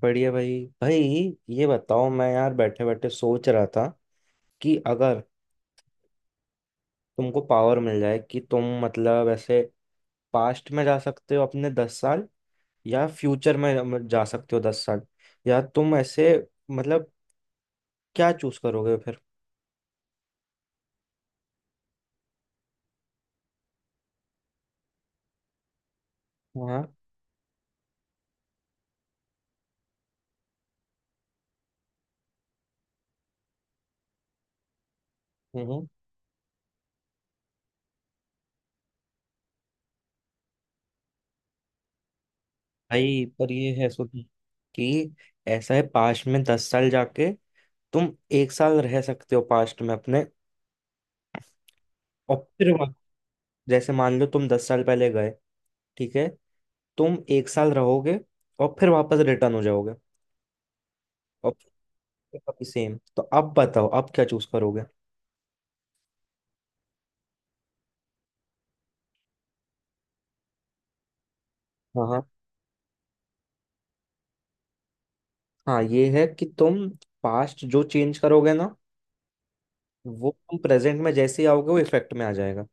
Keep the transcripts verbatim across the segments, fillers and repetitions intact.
बढ़िया भाई भाई। ये बताओ, मैं यार बैठे बैठे सोच रहा था कि अगर तुमको पावर मिल जाए कि तुम, मतलब, ऐसे पास्ट में जा सकते हो अपने दस साल, या फ्यूचर में जा सकते हो दस साल, या तुम ऐसे, मतलब, क्या चूज करोगे फिर। हाँ। हम्म। भाई पर ये है, सो कि ऐसा है, पास्ट में दस साल जाके तुम एक साल रह सकते हो पास्ट में अपने। और फिर वहाँ- जैसे मान लो तुम दस साल पहले गए, ठीक है, तुम एक साल रहोगे और फिर वापस रिटर्न हो जाओगे। और फिर सेम। तो अब बताओ, अब क्या चूज करोगे। हाँ हाँ। हाँ ये है कि तुम पास्ट जो चेंज करोगे ना, वो तुम प्रेजेंट में जैसे ही आओगे वो इफेक्ट में आ जाएगा।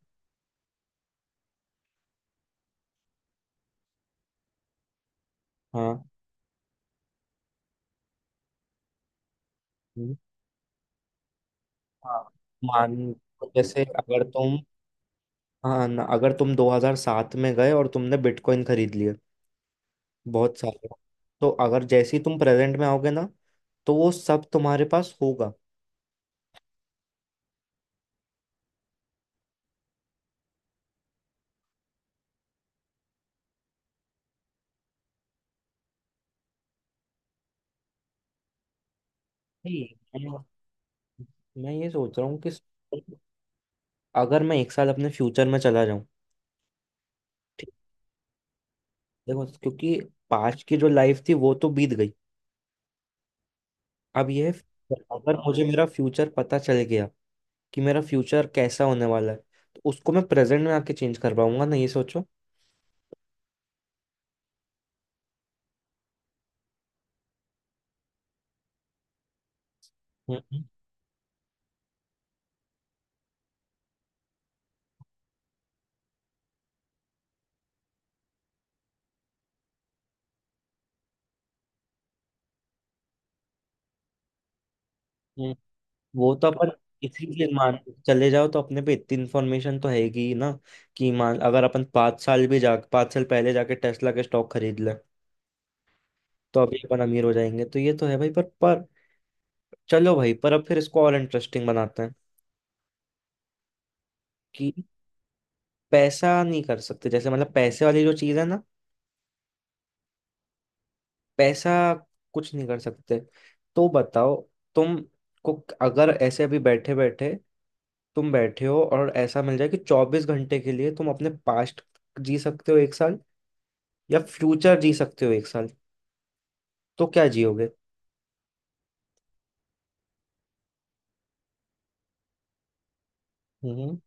हाँ। हम्म। हाँ मान, जैसे अगर तुम, हाँ ना, अगर तुम दो हज़ार सात में गए और तुमने बिटकॉइन खरीद लिए बहुत सारे, तो अगर जैसे ही तुम प्रेजेंट में आओगे ना, तो वो सब तुम्हारे पास होगा। नहीं, मैं ये सोच रहा हूँ कि अगर मैं एक साल अपने फ्यूचर में चला जाऊं, ठीक। देखो, क्योंकि पास्ट की जो लाइफ थी वो तो बीत गई, अब ये है future। अगर मुझे मेरा फ्यूचर पता चल गया कि मेरा फ्यूचर कैसा होने वाला है, तो उसको मैं प्रेजेंट में आके चेंज कर पाऊंगा ना, ये सोचो। हम्म। हम्म। वो तो अपन, इसीलिए मान, चले जाओ तो अपने पे इतनी इन्फॉर्मेशन तो हैगी ही ना, कि मान अगर अपन पाँच साल भी जा पाँच साल पहले जाके टेस्ला के स्टॉक खरीद लें तो अभी अपन अमीर हो जाएंगे। तो ये तो है भाई। पर पर चलो भाई, पर अब फिर इसको और इंटरेस्टिंग बनाते हैं कि पैसा नहीं कर सकते, जैसे, मतलब, पैसे वाली जो चीज है ना, पैसा कुछ नहीं कर सकते, तो बताओ तुम को अगर ऐसे अभी बैठे बैठे तुम बैठे हो और ऐसा मिल जाए कि चौबीस घंटे के लिए तुम अपने पास्ट जी सकते हो एक साल, या फ्यूचर जी सकते हो एक साल, तो क्या जियोगे। हम्म।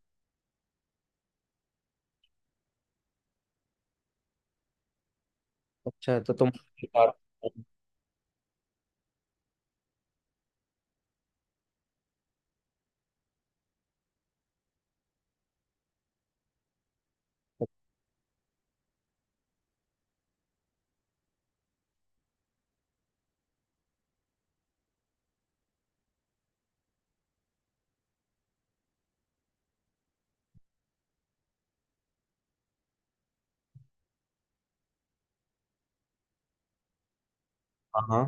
अच्छा। तो तुम हाँ हाँ।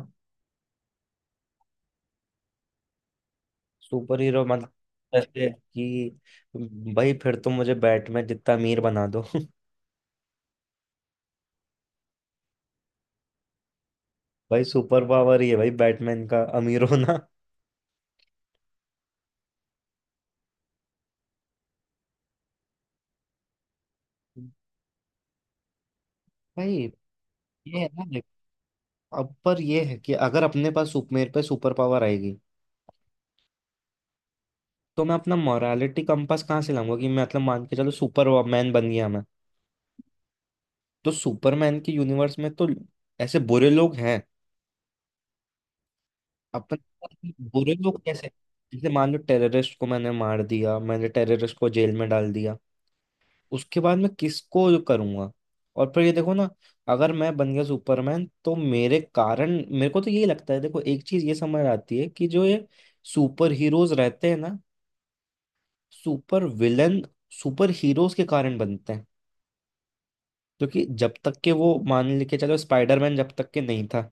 सुपर हीरो मतलब? जैसे कि, भाई, फिर तो मुझे बैटमैन जितना अमीर बना दो। भाई सुपर पावर ही है भाई बैटमैन का अमीर होना। भाई ये है ना, देखो, अब पर ये है कि अगर अपने पास सुप मेरे पे सुपर पावर आएगी, तो मैं अपना मोरालिटी कंपास कहाँ से लाऊंगा कि मैं, मतलब, मान के चलो सुपर मैन बन गया मैं, तो सुपरमैन के यूनिवर्स में तो ऐसे बुरे लोग हैं अपन। बुरे लोग कैसे? जैसे मान लो टेररिस्ट को मैंने मार दिया, मैंने टेररिस्ट को जेल में डाल दिया, उसके बाद मैं किसको जो करूंगा। और फिर ये देखो ना, अगर मैं बन गया सुपरमैन तो मेरे कारण, मेरे को तो यही लगता है। देखो, एक चीज ये समझ आती है कि जो ये सुपर हीरोज रहते हैं ना, सुपर विलन सुपर हीरोज के कारण बनते हैं, क्योंकि जब तक के वो, मान लेके चलो, स्पाइडरमैन जब तक के नहीं था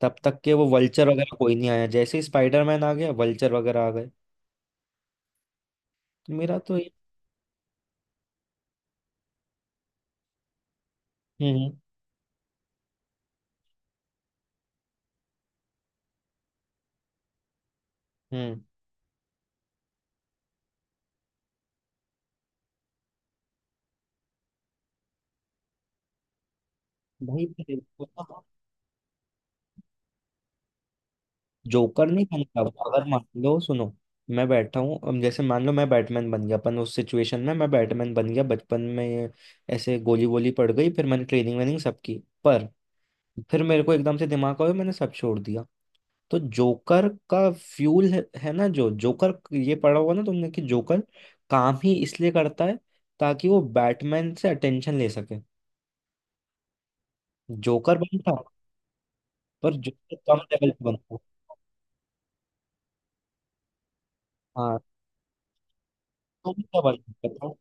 तब तक के वो वल्चर वगैरह कोई नहीं आया, जैसे ही स्पाइडरमैन आ गया वल्चर वगैरह आ गए। तो मेरा तो ये- हम्म। हम्म। भाई जोकर नहीं बनता वो। अगर मान लो, सुनो, मैं बैठा हूँ, अब जैसे मान लो मैं बैटमैन बन गया, अपन उस सिचुएशन में मैं बैटमैन बन गया बचपन में, ऐसे गोली गोली पड़ गई, फिर मैंने ट्रेनिंग वेनिंग सब की, पर फिर मेरे को एकदम से दिमाग आया मैंने सब छोड़ दिया। तो जोकर का फ्यूल है, है ना, जो जोकर, ये पढ़ा होगा ना तुमने कि जोकर काम ही इसलिए करता है ताकि वो बैटमैन से अटेंशन ले सके। जोकर बनता, पर जोकर कम लेवल पे बनता। हाँ, तुम क्या बनते हो? बताओ।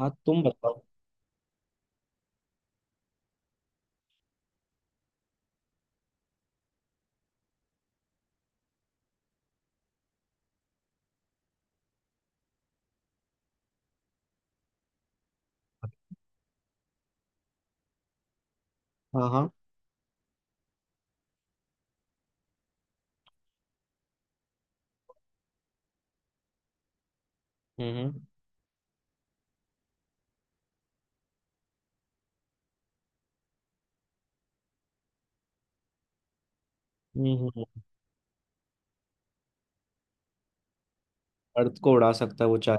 हाँ, तुम बताओ। हाँ। हाँ। हम्म। हम्म। हम्म, अर्थ को उड़ा सकता है वो चाहे।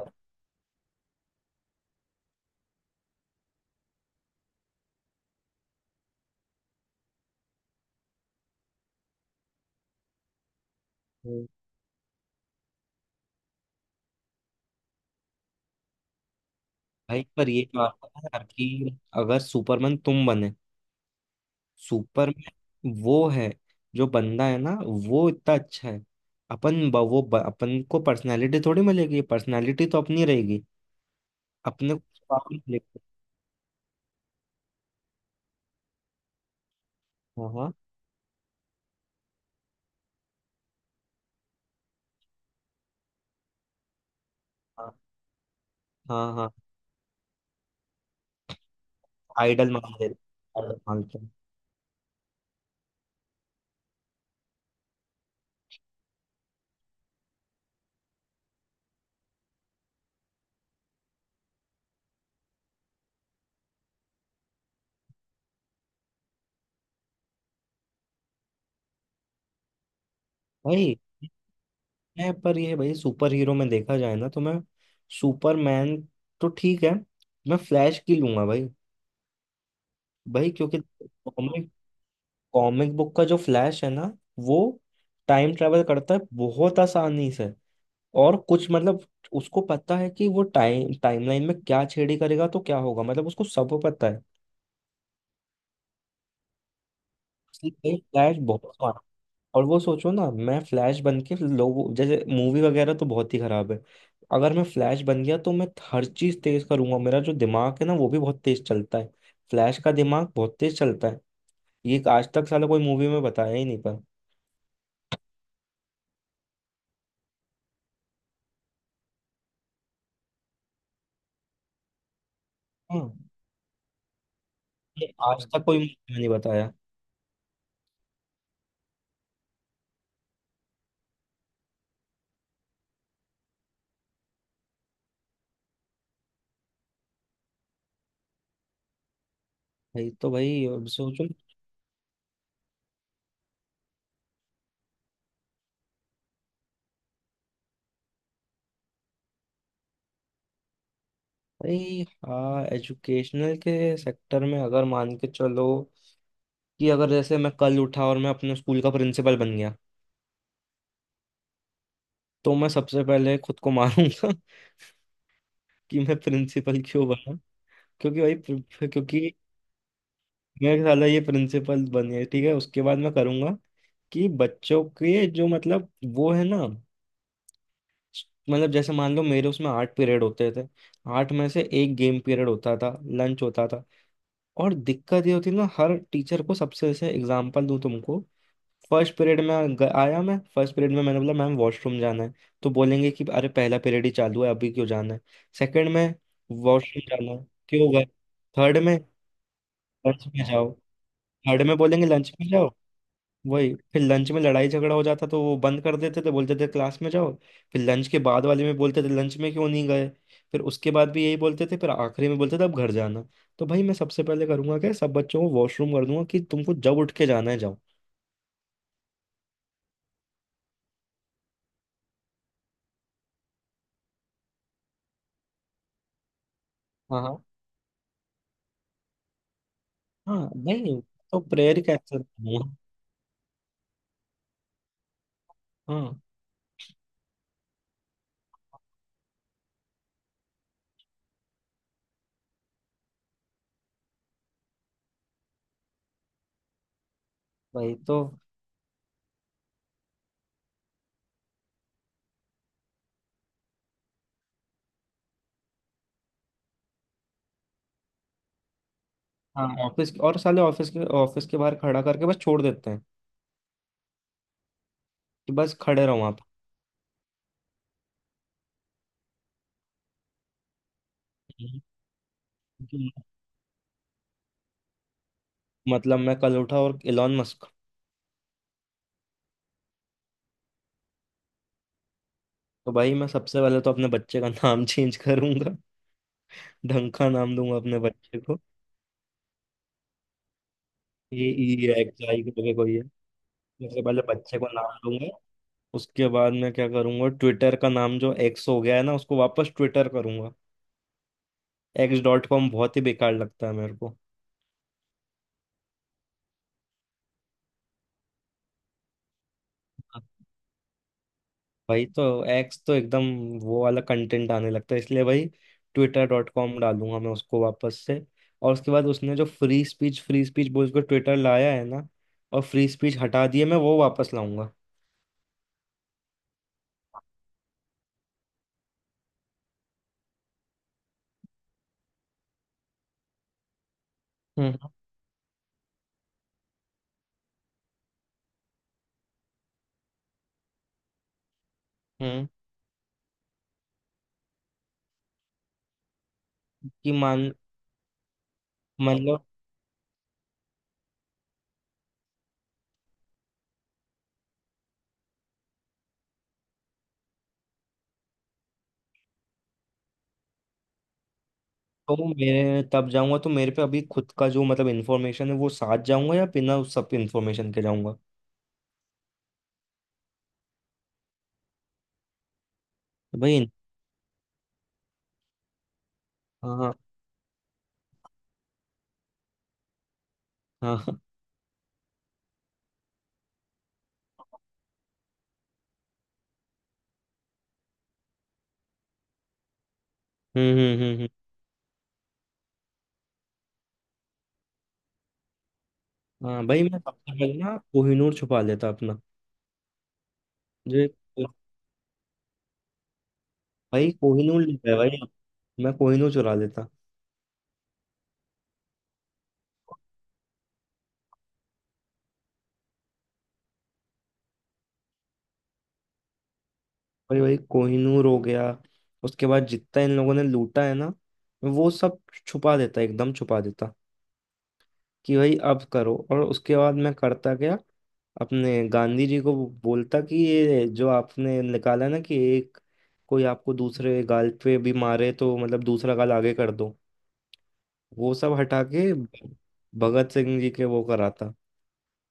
हम्म। भाई पर ये बात है यार कि अगर सुपरमैन तुम बने, सुपरमैन वो है, जो बंदा है ना, वो इतना अच्छा है, अपन ब- वो ब- अपन को पर्सनालिटी थोड़ी मिलेगी, पर्सनालिटी तो अपनी रहेगी, अपने को power मिलेगी। हाँ। हाँ। हाँ। हाँ। हाँ, आइडल मान ले, आइडल मानते हैं। भाई मैं, पर ये भाई, सुपर हीरो में देखा जाए ना, तो मैं सुपरमैन तो ठीक है, मैं फ्लैश की लूंगा भाई। भाई क्योंकि कॉमिक कॉमिक बुक का जो फ्लैश है ना, वो टाइम ट्रेवल करता है बहुत आसानी से, और कुछ, मतलब, उसको पता है कि वो टाइम टाइमलाइन में क्या छेड़ी करेगा तो क्या होगा, मतलब उसको सब पता है, इसलिए भाई फ्लैश बहुत smart। और वो सोचो ना, मैं फ्लैश बन के लोगों, जैसे मूवी वगैरह तो बहुत ही खराब है, अगर मैं फ्लैश बन गया तो मैं हर चीज तेज करूंगा, मेरा जो दिमाग है ना वो भी बहुत तेज चलता है, फ्लैश का दिमाग बहुत तेज चलता है, ये आज तक साला कोई मूवी में बताया ही नहीं पर। हाँ, ये आज तक कोई मुझे नहीं बताया। भाई तो, भाई, अब सोचो। भाई हाँ, एजुकेशनल के सेक्टर में अगर मान के चलो कि अगर जैसे मैं कल उठा और मैं अपने स्कूल का प्रिंसिपल बन गया, तो मैं सबसे पहले खुद को मारूंगा कि मैं प्रिंसिपल क्यों बना। क्योंकि भाई प्रि- क्योंकि मैं साला ये प्रिंसिपल बन गया, ठीक है, उसके बाद मैं करूंगा कि बच्चों के जो, मतलब, वो है ना, मतलब जैसे मान लो मेरे उसमें आठ पीरियड होते थे, आठ में से एक गेम पीरियड होता था, लंच होता था, और दिक्कत ये होती है ना हर टीचर को, सबसे, जैसे एग्जांपल दूं तुमको, फर्स्ट पीरियड में ग- आया, मैं फर्स्ट पीरियड में मैंने बोला मैम वॉशरूम जाना है, तो बोलेंगे कि अरे पहला पीरियड ही चालू है अभी क्यों जाना है, सेकंड में वॉशरूम जाना है क्यों गए, थर्ड में लंच में जाओ थर्ड में बोलेंगे लंच में जाओ, वही फिर लंच में लड़ाई झगड़ा हो जाता तो वो बंद कर देते थे, बोलते थे क्लास में जाओ, फिर लंच के बाद वाले में बोलते थे लंच में क्यों नहीं गए, फिर उसके बाद भी यही बोलते थे, फिर आखिरी में बोलते थे अब घर जाना। तो भाई मैं सबसे पहले करूंगा क्या, सब बच्चों को वॉशरूम कर दूंगा, कि तुमको जब उठ के जाना है जाओ। हाँ। हाँ। हाँ। नहीं, तो प्रेयर कैंसिल करूंगा। हाँ भाई। तो हाँ, ऑफिस, और साले ऑफिस के ऑफिस के बाहर खड़ा करके बस छोड़ देते हैं कि बस खड़े रहो वहां पर, मतलब मैं कल उठा और इलॉन मस्क, तो भाई मैं सबसे पहले तो अपने बच्चे का नाम चेंज करूंगा, ढंका नाम दूंगा अपने बच्चे को, ए ई एक्स आई करके कोई है। सबसे पहले बच्चे को नाम दूंगा। उसके बाद मैं क्या करूंगा, ट्विटर का नाम जो एक्स हो गया है ना उसको वापस ट्विटर करूंगा, एक्स डॉट कॉम बहुत ही बेकार लगता है मेरे को, भाई तो एक्स तो एकदम वो वाला कंटेंट आने लगता है, इसलिए भाई ट्विटर डॉट कॉम डालूंगा मैं उसको वापस से। और उसके बाद उसने जो फ्री स्पीच फ्री स्पीच बोल के ट्विटर लाया है ना, और फ्री स्पीच हटा दिए, मैं वो वापस लाऊंगा। हम्म। हम्म, कि मान, मतलब, तो मैं तब जाऊंगा तो मेरे पे अभी खुद का जो, मतलब, इन्फॉर्मेशन है वो साथ जाऊंगा या बिना उस सब इन्फॉर्मेशन के जाऊंगा। भाई। हाँ। हाँ। हाँ, हाँ, हम्म। हम्म। हम्म। हम्म। हाँ भाई, मैं सबसे पहले ना कोहिनूर छुपा लेता अपना, जो भाई कोहिनूर लेता है भाई, मैं कोहिनूर चुरा लेता, भाई, भाई, कोहिनूर हो गया, उसके बाद जितना इन लोगों ने लूटा है ना वो सब छुपा देता, एकदम छुपा देता, कि भाई अब करो, और उसके बाद मैं करता क्या, अपने गांधी जी को बोलता कि ये जो आपने निकाला ना कि एक, कोई आपको दूसरे गाल पे भी मारे तो, मतलब, दूसरा गाल आगे कर दो, वो सब हटा के भगत सिंह जी के वो कराता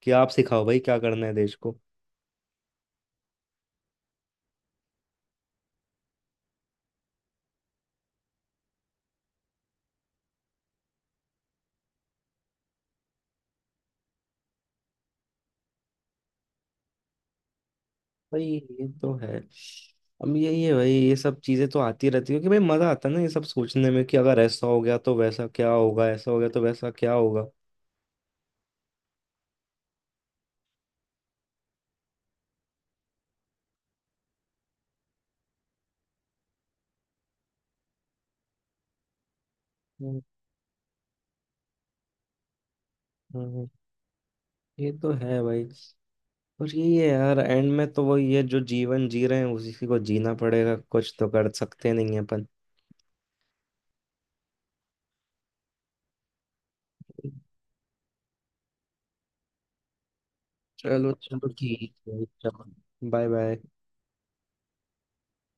कि आप सिखाओ भाई क्या करना है देश को। भाई ये तो है, अब यही है भाई, ये सब चीजें तो आती रहती है कि भाई मजा आता है ना ये सब सोचने में कि अगर ऐसा हो गया तो वैसा क्या होगा, ऐसा हो गया तो वैसा क्या होगा। हम्म, हम्म, ये तो है भाई, और यही है यार, एंड में तो वही है जो जीवन जी रहे हैं उसी को जीना पड़ेगा, कुछ तो कर सकते नहीं है अपन। चलो चलो, ठीक है, चलो। Bye bye.